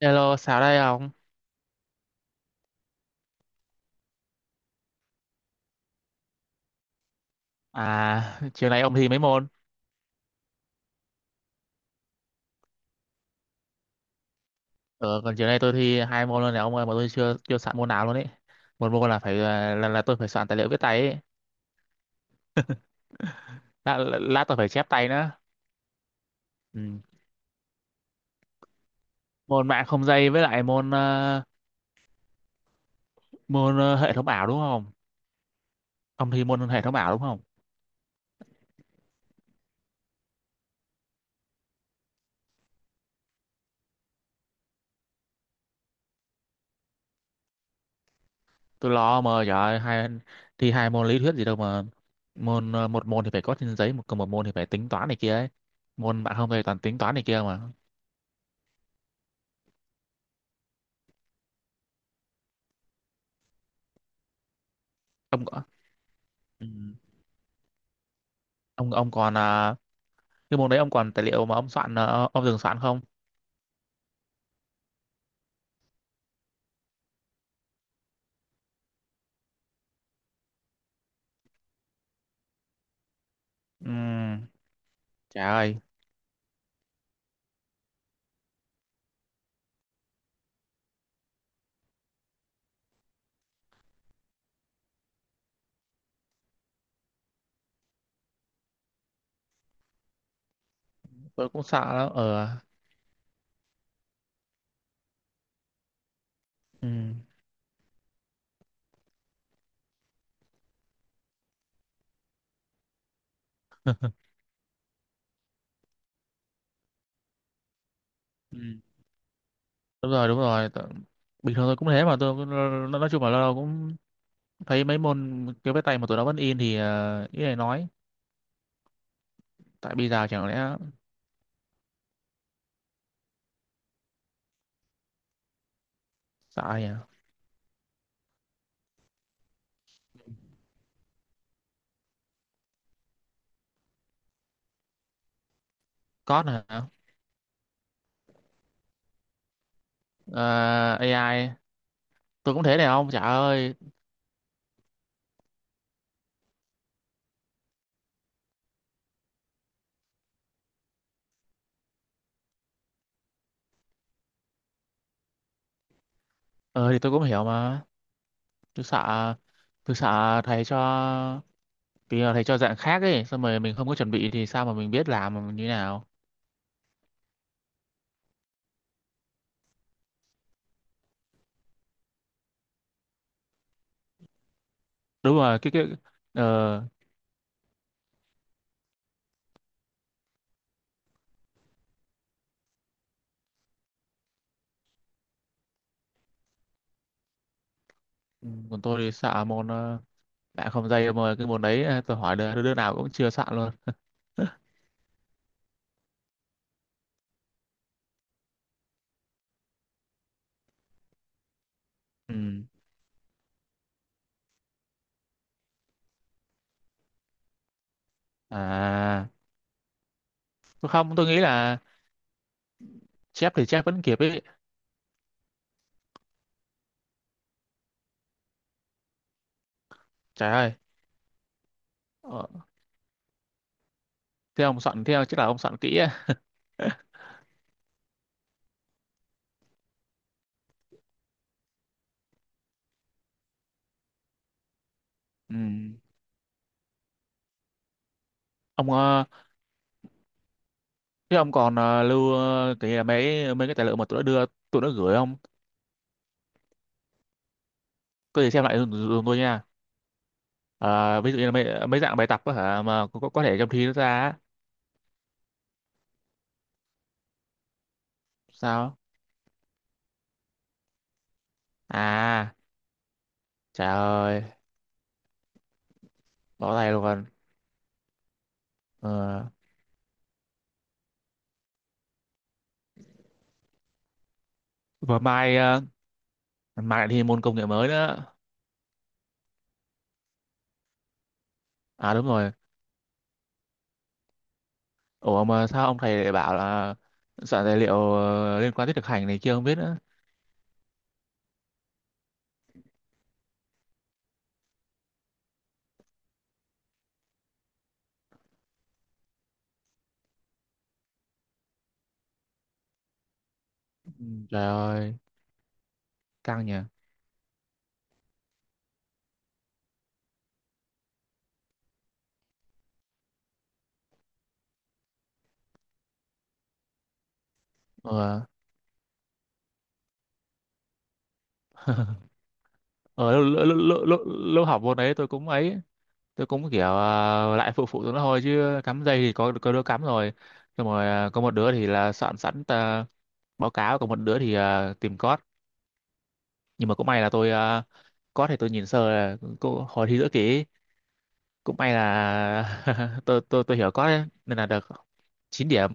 Hello, sao đây ông? À, chiều nay ông thi mấy môn? Ờ, còn chiều nay tôi thi hai môn luôn này ông ơi, mà tôi chưa chưa soạn môn nào luôn ấy. Một môn là phải là tôi phải soạn tài liệu viết tay ấy. Lát, tôi phải chép tay nữa. Ừ. Môn mạng không dây với lại môn môn hệ thống ảo đúng không? Ông thi môn hệ thống ảo đúng không? Tôi lo mà trời ơi, thi hai môn lý thuyết gì đâu mà môn một môn thì phải có trên giấy, còn một môn thì phải tính toán này kia ấy. Môn mạng không dây toàn tính toán này kia mà. Ông có ừ. Ông còn cái môn đấy ông còn tài liệu mà ông soạn ông dừng soạn không? Ừm, trời ơi, tôi cũng sợ lắm. Ờ. Ừm, ừm. Đúng rồi, đúng rồi. Tự- Bình thường tôi cũng thế mà tôi cũng- nói chung là lâu lâu cũng thấy mấy môn kiểu viết tay mà tụi nó vẫn in thì ý này nói. Tại bây giờ chẳng lẽ sợ ai nhỉ? Code hả? Ờ, AI tôi cũng thế này không? Trời ơi. Ờ thì tôi cũng hiểu mà. Tôi sợ tôi sợ thầy cho vì là thầy cho dạng khác ấy xong rồi mình không có chuẩn bị thì sao mà mình biết làm mà như thế nào. Đúng rồi cái ờ, còn tôi thì xạ môn bạn không dây mà cái môn đấy ờ, tôi hỏi đứa nào cũng chưa sạn luôn. Ừ. À, tôi không tôi nghĩ là chép thì chép vẫn kịp ấy. Trời ơi. Ờ, thế ông soạn theo chắc là ông soạn kỹ á. Ừ. Ông ờ, thế ông còn lưu cái mấy mấy cái tài liệu mà tụi nó đưa, tụi nó gửi không? Có gì xem lại giùm tôi nha. Ờ, ví dụ như là mấy mấy dạng bài tập á hả mà có thể trong thi nó ra á. Sao? À, trời ơi, bỏ tay luôn. Ờ. Và mai mai lại thi môn công nghệ mới nữa. À đúng rồi. Ủa mà sao ông thầy lại bảo là soạn tài liệu liên quan tới thực hành này kia không biết nữa. Ừ, trời ơi, căng nhỉ. Ờ, ờ lúc học môn đấy tôi cũng ấy, tôi cũng kiểu lại phụ phụ tụi nó thôi chứ cắm dây thì có đứa cắm rồi. Xong rồi có một đứa thì là soạn sẵn báo cáo, còn một đứa thì tìm code. Nhưng mà cũng may là tôi code thì tôi nhìn sơ là cô- hồi thi giữa kỳ ấy, cũng may là tôi hiểu có đấy, nên là được 9 điểm.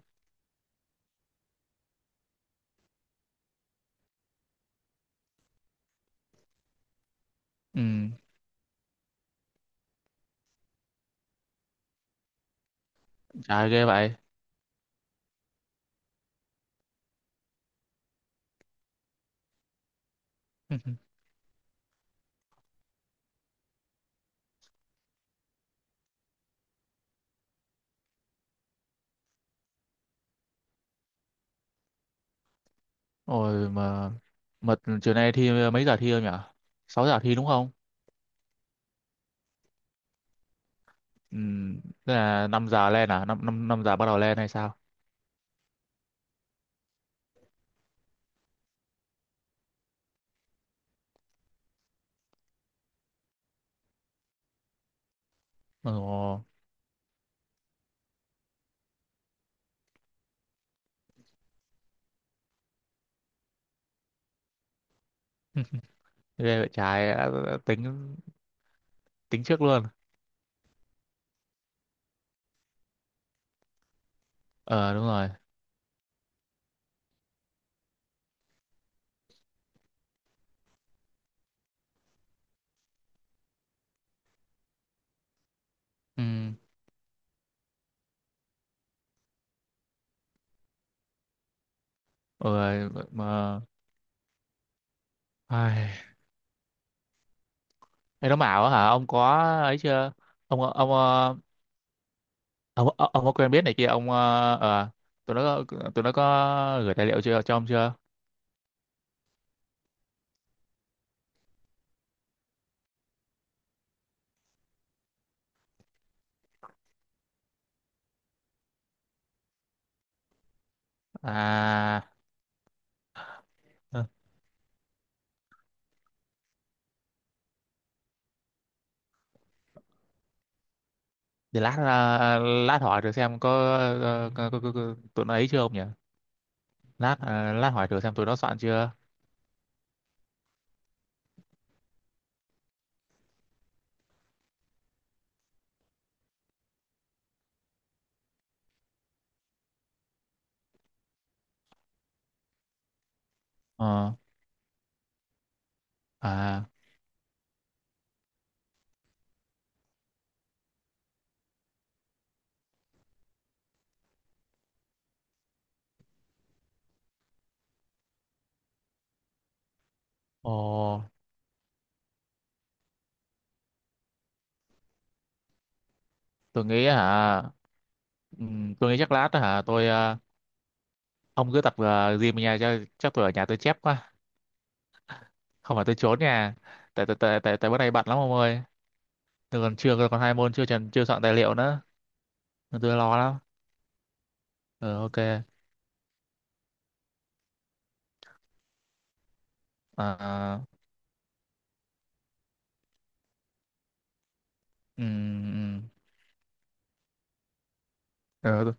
Ừ, trời ghê vậy. Ôi mà chiều nay thi mấy giờ thi không nhỉ? Sáu giờ thi đúng không? Ừ, tức là 5 giờ lên à? 5, năm năm năm giờ bắt đầu lên hay sao? Ồ, ghê vậy, trái đã tính, tính trước luôn. Ờ đúng rồi. Ừ. Ôi mà ai cái đó bảo hả? Ông có ấy chưa? Ông ờ, ông có quen biết này kia ông tụi nó tụi nó có gửi tài liệu chưa cho ông chưa? À. Ừ. Để lát lát hỏi thử xem có, ờ, có tụi nó ấy chưa ông nhỉ? Lát lát hỏi thử xem tụi nó soạn chưa. Ờ. À. Ồ, tôi nghĩ hả? Ừm, tôi nghĩ chắc lát hả tôi ông cứ tập gym ở nhà cho chắc, tôi ở nhà tôi chép quá. Không phải tôi trốn nhà, tại tại tại tại tại bữa nay bận lắm ông ơi, tôi còn chưa còn hai môn chưa chưa soạn tài liệu nữa, tôi lo lắm. Ừ, ok. À, ừ, ừ, ừ,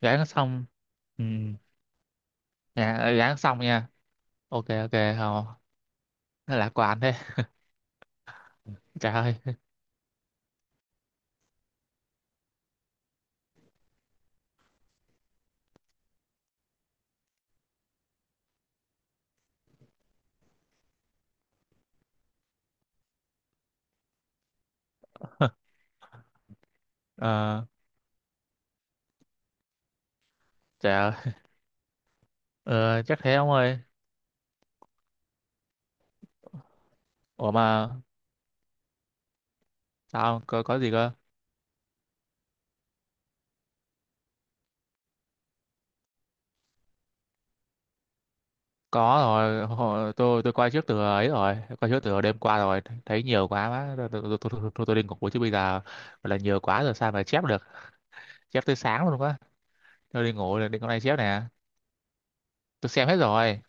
gán xong. Ừ, dạ, gán xong nha. Ok ok. Không, nó lạc quan thế. Trời ơi. Ờ, trời ơi. Ờ, chắc thế ông ơi. Ủa mà sao có gì cơ? Có rồi, hồi- tôi coi trước từ ấy rồi, coi trước từ đêm qua rồi thấy nhiều quá má, tôi đi ngủ chứ bây giờ gọi là nhiều quá rồi sao mà chép được, chép tới sáng luôn quá. Tôi đi ngủ rồi đi con này chép nè. Tôi xem hết rồi.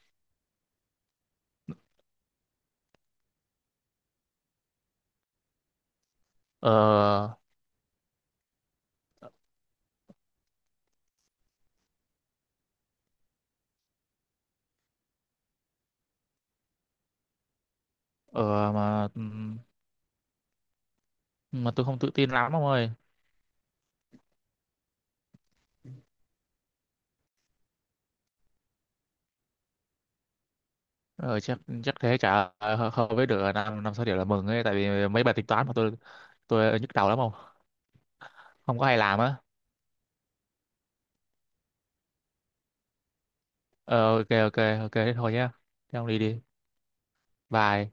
ờ ờ mà tôi không tự tin lắm ông ơi. Ờ, chắc chắc thế chả hợp với được à, năm năm sáu điểm là mừng ấy, tại vì mấy bài tính toán mà tôi nhức đầu lắm, không không có hay làm á. Ờ, ok ok ok thế thôi nhá, thế ông đi đi. Bye.